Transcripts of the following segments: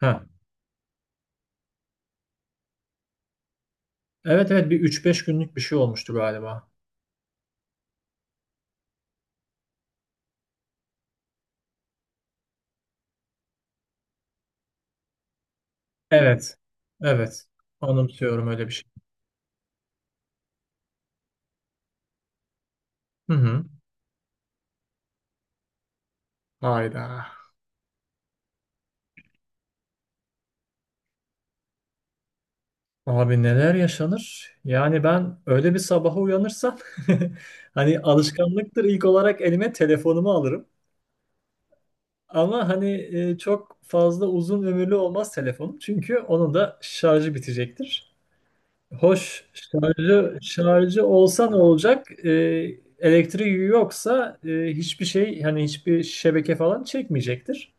Ha. Evet evet bir üç beş günlük bir şey olmuştu galiba. Evet. Evet. Anımsıyorum öyle bir şey. Hı hı. Hayda. Abi neler yaşanır? Yani ben öyle bir sabaha uyanırsam hani alışkanlıktır ilk olarak elime telefonumu alırım. Ama hani çok fazla uzun ömürlü olmaz telefonum. Çünkü onun da şarjı bitecektir. Hoş şarjı olsa ne olacak? Elektriği yoksa hiçbir şey hani hiçbir şebeke falan çekmeyecektir.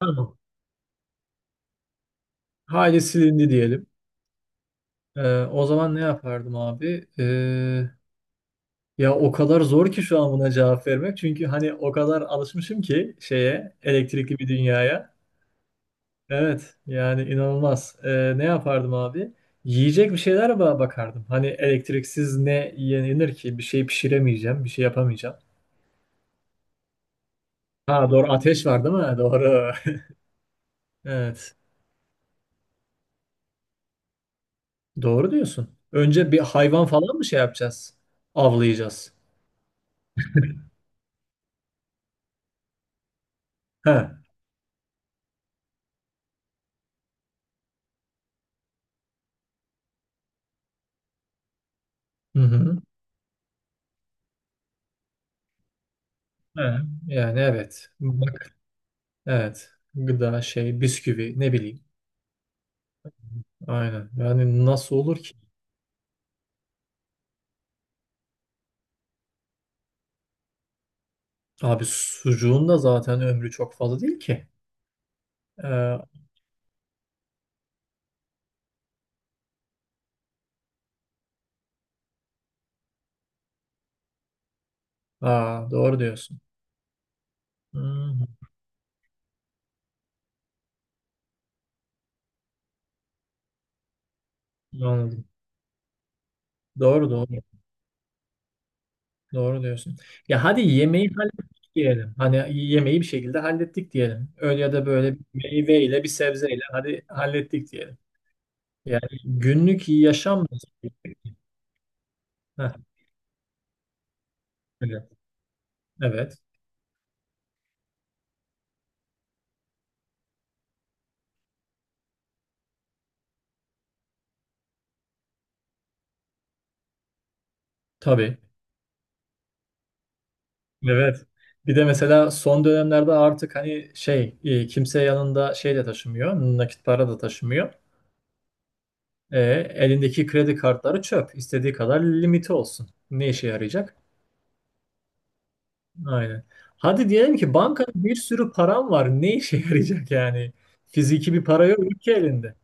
Tamam. Hali silindi diyelim. O zaman ne yapardım abi? Ya o kadar zor ki şu an buna cevap vermek. Çünkü hani o kadar alışmışım ki şeye, elektrikli bir dünyaya. Evet yani inanılmaz. Ne yapardım abi? Yiyecek bir şeyler bakardım. Hani elektriksiz ne yenir ki? Bir şey pişiremeyeceğim, bir şey yapamayacağım. Ha doğru, ateş var değil mi? Doğru. Evet. Doğru diyorsun. Önce bir hayvan falan mı şey yapacağız? Avlayacağız. He. Hı hı. He. Yani evet. Bak evet. Gıda şey, bisküvi, ne bileyim. Aynen. Yani nasıl olur ki? Abi sucuğun da zaten ömrü çok fazla değil ki. Ee, aa, doğru diyorsun. Hı hı. Anladım. Doğru doğru. Doğru diyorsun. Ya hadi yemeği hallettik diyelim. Hani yemeği bir şekilde hallettik diyelim. Öyle ya da böyle bir meyveyle, bir sebzeyle hadi hallettik diyelim. Yani günlük yaşam nasıl? Heh, evet. Evet. Tabii. Evet. Bir de mesela son dönemlerde artık hani şey kimse yanında şey de taşımıyor. Nakit para da taşımıyor. E, Elindeki kredi kartları çöp. İstediği kadar limiti olsun. Ne işe yarayacak? Aynen. Hadi diyelim ki bankada bir sürü param var. Ne işe yarayacak yani? Fiziki bir para yok ki elinde.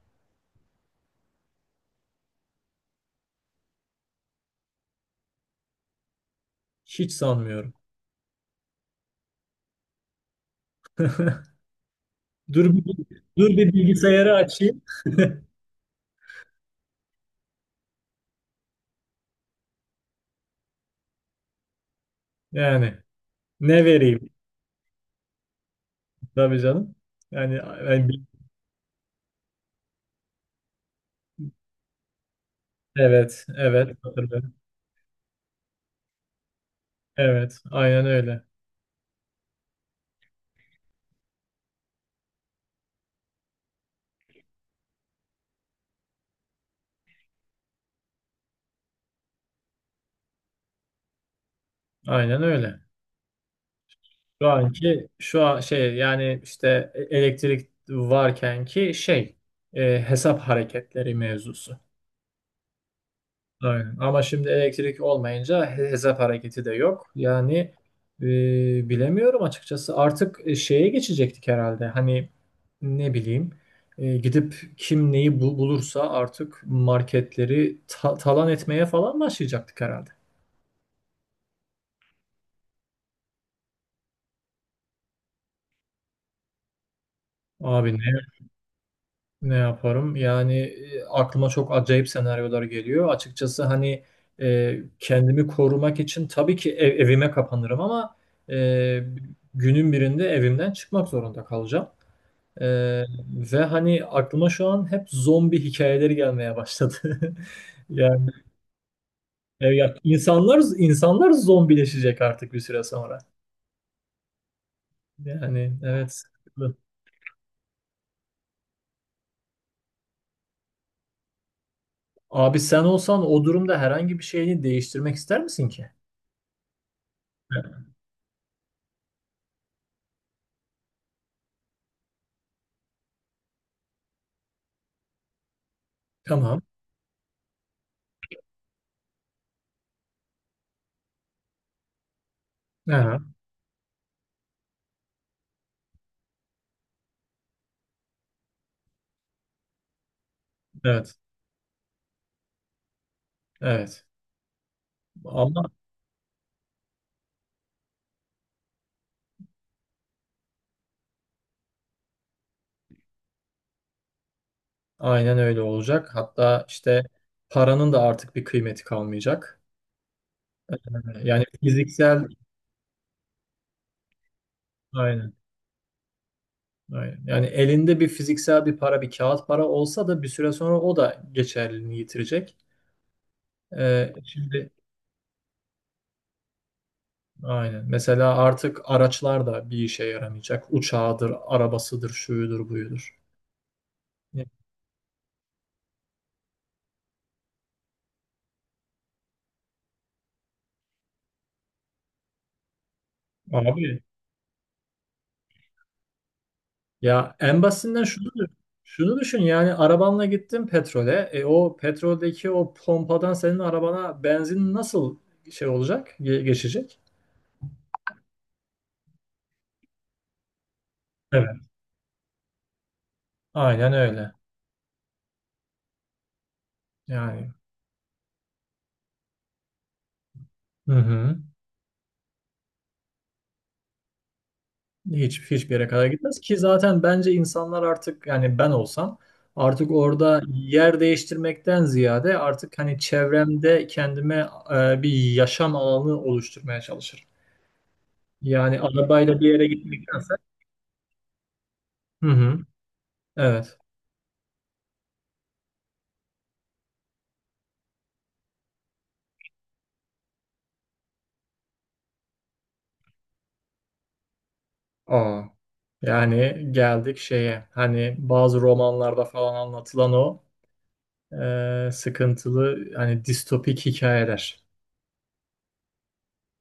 Hiç sanmıyorum. Dur bir, Dur bir bilgisayarı açayım. Yani ne vereyim? Tabii canım. Yani. Evet, evet hatırlıyorum. Evet, aynen öyle. Aynen öyle. Şu an şey yani işte elektrik varken ki şey, hesap hareketleri mevzusu. Aynen. Ama şimdi elektrik olmayınca hesap hareketi de yok. Yani e, bilemiyorum açıkçası. Artık şeye geçecektik herhalde. Hani ne bileyim, gidip kim neyi bulursa artık marketleri talan etmeye falan başlayacaktık herhalde. Abi, ne yaparım? Yani aklıma çok acayip senaryolar geliyor. Açıkçası hani kendimi korumak için tabii ki evime kapanırım ama e, günün birinde evimden çıkmak zorunda kalacağım. E, Ve hani aklıma şu an hep zombi hikayeleri gelmeye başladı. Yani ya insanlar zombileşecek artık bir süre sonra. Yani evet. Sıkıntı. Abi sen olsan o durumda herhangi bir şeyi değiştirmek ister misin ki? Evet. Tamam. Aha. Evet, evet. Ama aynen öyle olacak. Hatta işte paranın da artık bir kıymeti kalmayacak. Ee, Yani fiziksel, aynen, aynen. Yani elinde bir fiziksel bir para, bir kağıt para olsa da bir süre sonra o da geçerliliğini yitirecek. Şimdi aynen. Mesela artık araçlar da bir işe yaramayacak. Uçağıdır, arabasıdır, şuyudur, buyudur. Abi, ya en basitinden şunu düşün. Şunu düşün yani, arabanla gittin petrole. E, o petroldeki o pompadan senin arabana benzin nasıl şey olacak? Geçecek? Evet. Aynen öyle. Yani hı hı. Hiç, hiçbir yere kadar gitmez ki zaten. Bence insanlar artık, yani ben olsam artık orada yer değiştirmekten ziyade artık hani çevremde kendime bir yaşam alanı oluşturmaya çalışırım. Yani arabayla bir yere gitmektense. Hı hı. Evet. Aa, yani geldik şeye, hani bazı romanlarda falan anlatılan o sıkıntılı hani distopik hikayeler.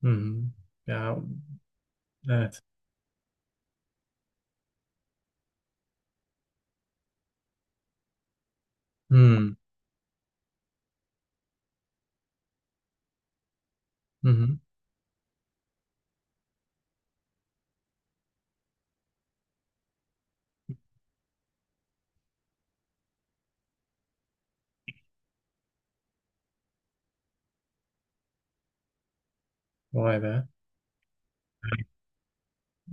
Hı hı. Ya evet. Hı hı. Hı. Vay be.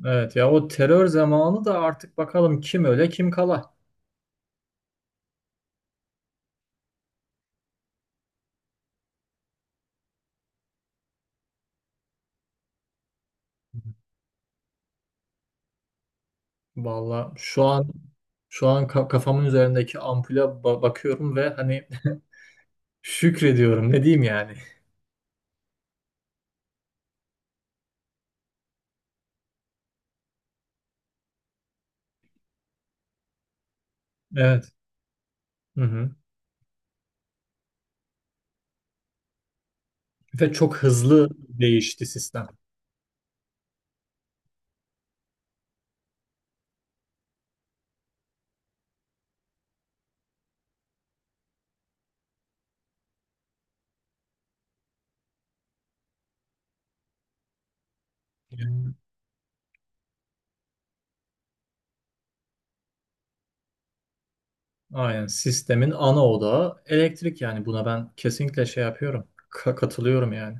Evet ya, o terör zamanı da artık bakalım kim öle kim kala. Valla şu an, şu an kafamın üzerindeki ampule bakıyorum ve hani şükrediyorum, ne diyeyim yani. Evet. Hı hı. Ve çok hızlı değişti sistem. Yani, aynen sistemin ana odağı elektrik, yani buna ben kesinlikle şey yapıyorum. Katılıyorum yani.